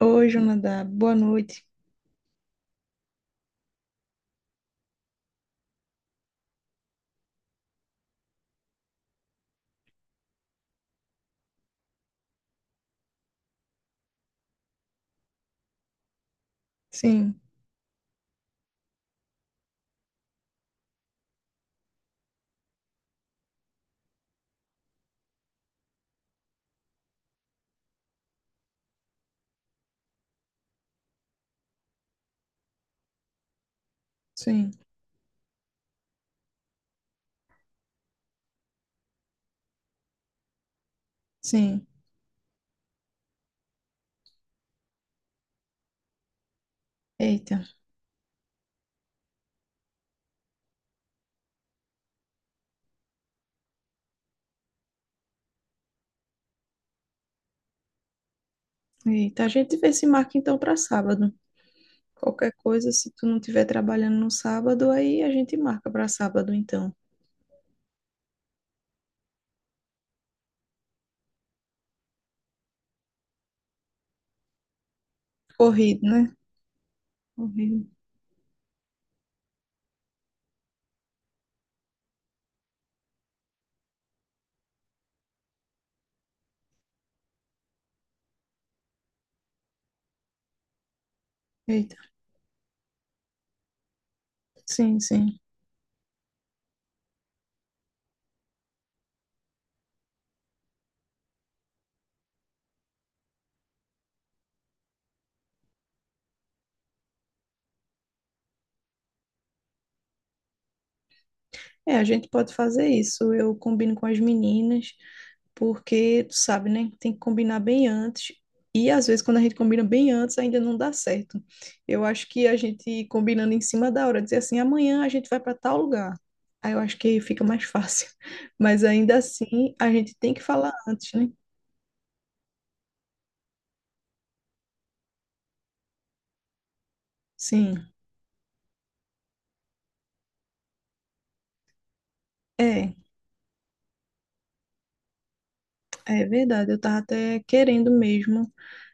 Oi, Jonadab. Boa noite. Sim, sim, sim. Eita, eita. A gente vê se marca então para sábado. Qualquer coisa, se tu não estiver trabalhando no sábado, aí a gente marca para sábado então. Corrido, né? Corrido. Eita. Sim, sim. É, a gente pode fazer isso. Eu combino com as meninas, porque, tu sabe, né? Tem que combinar bem antes. E às vezes, quando a gente combina bem antes, ainda não dá certo. Eu acho que a gente combinando em cima da hora, dizer assim, amanhã a gente vai para tal lugar. Aí eu acho que fica mais fácil. Mas ainda assim, a gente tem que falar antes, né? Sim, é, é verdade. Eu tava até querendo mesmo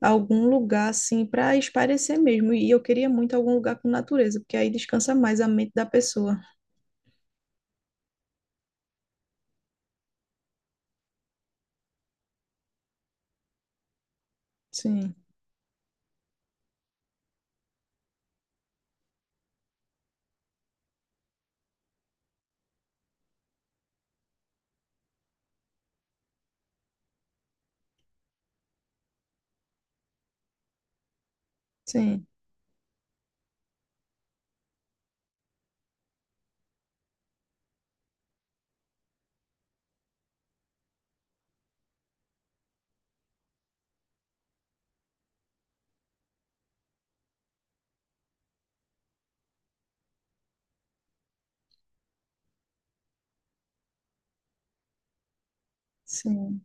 algum lugar assim para espairecer mesmo. E eu queria muito algum lugar com natureza, porque aí descansa mais a mente da pessoa. Sim, sim, sim.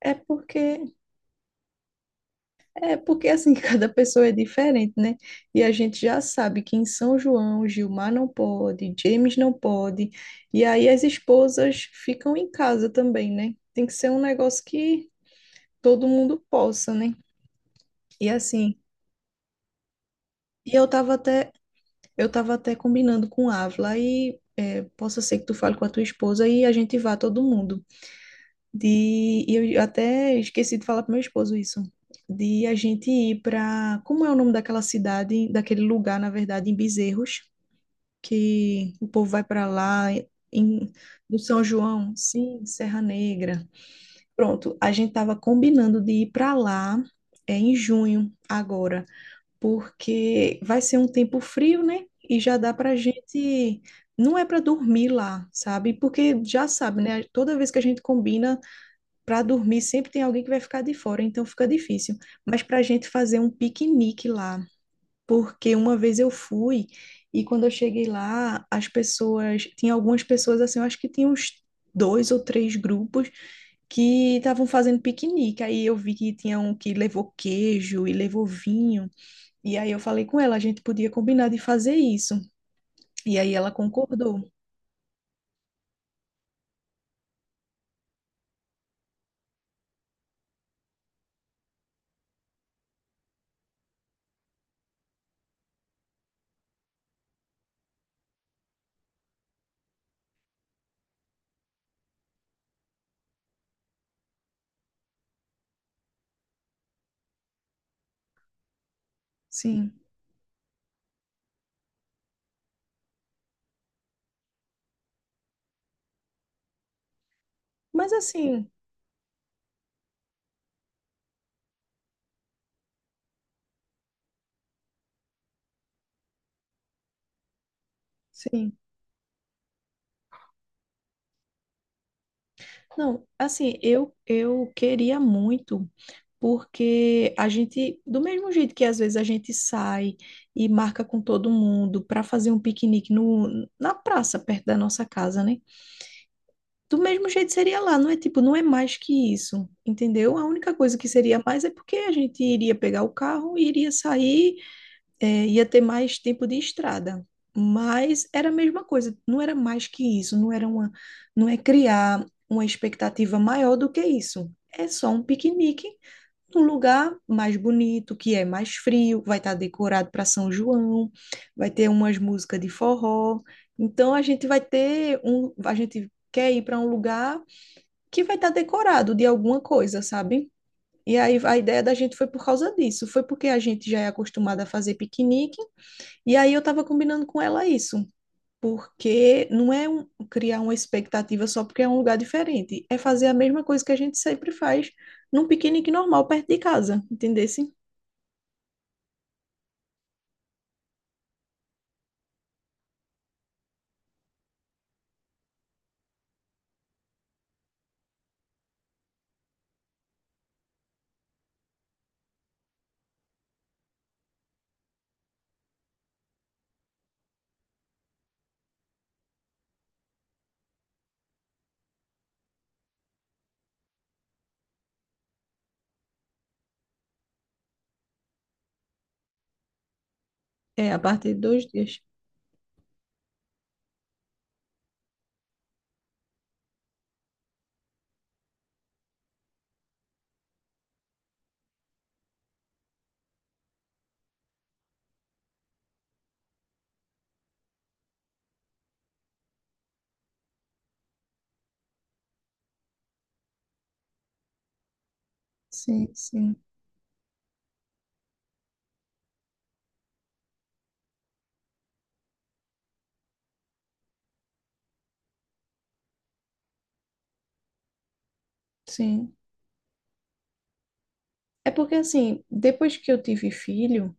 É porque é porque assim cada pessoa é diferente, né? E a gente já sabe que em São João Gilmar não pode, James não pode, e aí as esposas ficam em casa também, né? Tem que ser um negócio que todo mundo possa, né? E assim, e eu tava até Eu estava até combinando com a Ávila e é, possa ser que tu fale com a tua esposa e a gente vá todo mundo. De, e eu até esqueci de falar para meu esposo isso. De a gente ir para, como é o nome daquela cidade, daquele lugar, na verdade, em Bezerros, que o povo vai para lá em, do São João, sim, Serra Negra. Pronto, a gente estava combinando de ir para lá é, em junho agora, porque vai ser um tempo frio, né? E já dá para gente. Não é para dormir lá, sabe? Porque já sabe, né? Toda vez que a gente combina para dormir, sempre tem alguém que vai ficar de fora, então fica difícil. Mas para a gente fazer um piquenique lá, porque uma vez eu fui e quando eu cheguei lá, as pessoas. Tinha algumas pessoas assim, eu acho que tinha uns. 2 ou 3 grupos que estavam fazendo piquenique. Aí eu vi que tinha um que levou queijo e levou vinho. E aí eu falei com ela, a gente podia combinar de fazer isso. E aí ela concordou. Sim. Mas assim, sim. Não, assim, eu queria muito, porque a gente, do mesmo jeito que às vezes a gente sai e marca com todo mundo para fazer um piquenique no, na praça perto da nossa casa, né? Do mesmo jeito seria lá, não é tipo, não é mais que isso, entendeu? A única coisa que seria mais é porque a gente iria pegar o carro, iria sair, é, ia ter mais tempo de estrada. Mas era a mesma coisa, não era mais que isso, não era uma, não é criar uma expectativa maior do que isso. É só um piquenique num lugar mais bonito, que é mais frio, vai estar decorado para São João, vai ter umas músicas de forró. Então a gente vai ter um, a gente quer ir para um lugar que vai estar decorado de alguma coisa, sabe? E aí a ideia da gente foi por causa disso, foi porque a gente já é acostumada a fazer piquenique, e aí eu tava combinando com ela isso, porque não é criar uma expectativa só porque é um lugar diferente, é fazer a mesma coisa que a gente sempre faz num piquenique normal perto de casa, entendesse? É, a partir de 2 dias. Sim, sim, sim. É porque assim, depois que eu tive filho,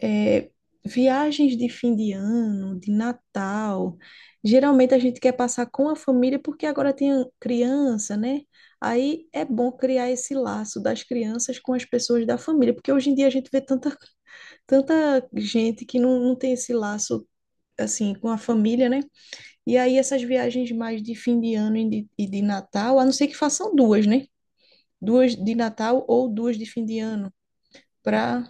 é, viagens de fim de ano, de Natal. Geralmente a gente quer passar com a família, porque agora tem criança, né? Aí é bom criar esse laço das crianças com as pessoas da família, porque hoje em dia a gente vê tanta, tanta gente que não, não tem esse laço assim com a família, né? E aí essas viagens mais de fim de ano e de Natal, a não ser que façam duas, né? Duas de Natal ou duas de fim de ano, para...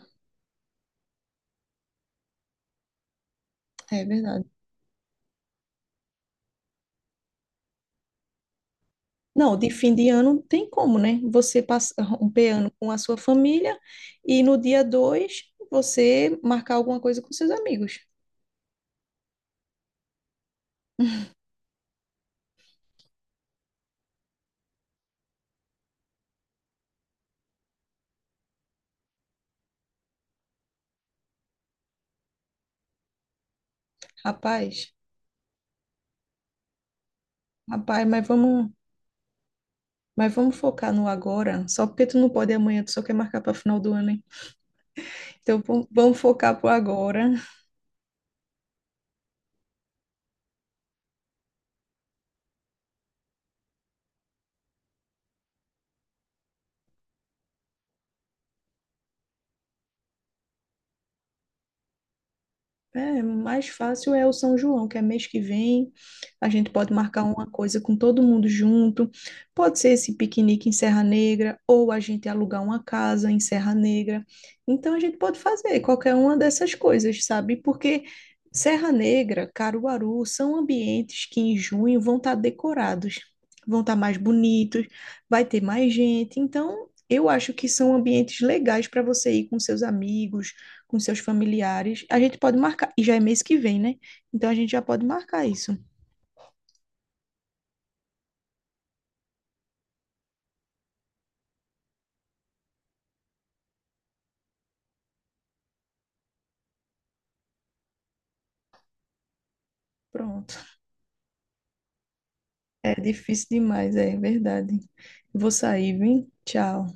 É verdade. Não, de fim de ano não tem como, né? Você passar um ano com a sua família e no dia dois você marcar alguma coisa com seus amigos. Rapaz, rapaz, mas vamos focar no agora. Só porque tu não pode amanhã, tu só quer marcar para final do ano, hein? Então vamos focar pro agora. É, mais fácil é o São João, que é mês que vem. A gente pode marcar uma coisa com todo mundo junto. Pode ser esse piquenique em Serra Negra, ou a gente alugar uma casa em Serra Negra. Então a gente pode fazer qualquer uma dessas coisas, sabe? Porque Serra Negra, Caruaru, são ambientes que em junho vão estar decorados, vão estar mais bonitos, vai ter mais gente. Então eu acho que são ambientes legais para você ir com seus amigos, com seus familiares. A gente pode marcar, e já é mês que vem, né? Então a gente já pode marcar isso. Pronto. É difícil demais, é verdade. Vou sair, viu? Tchau.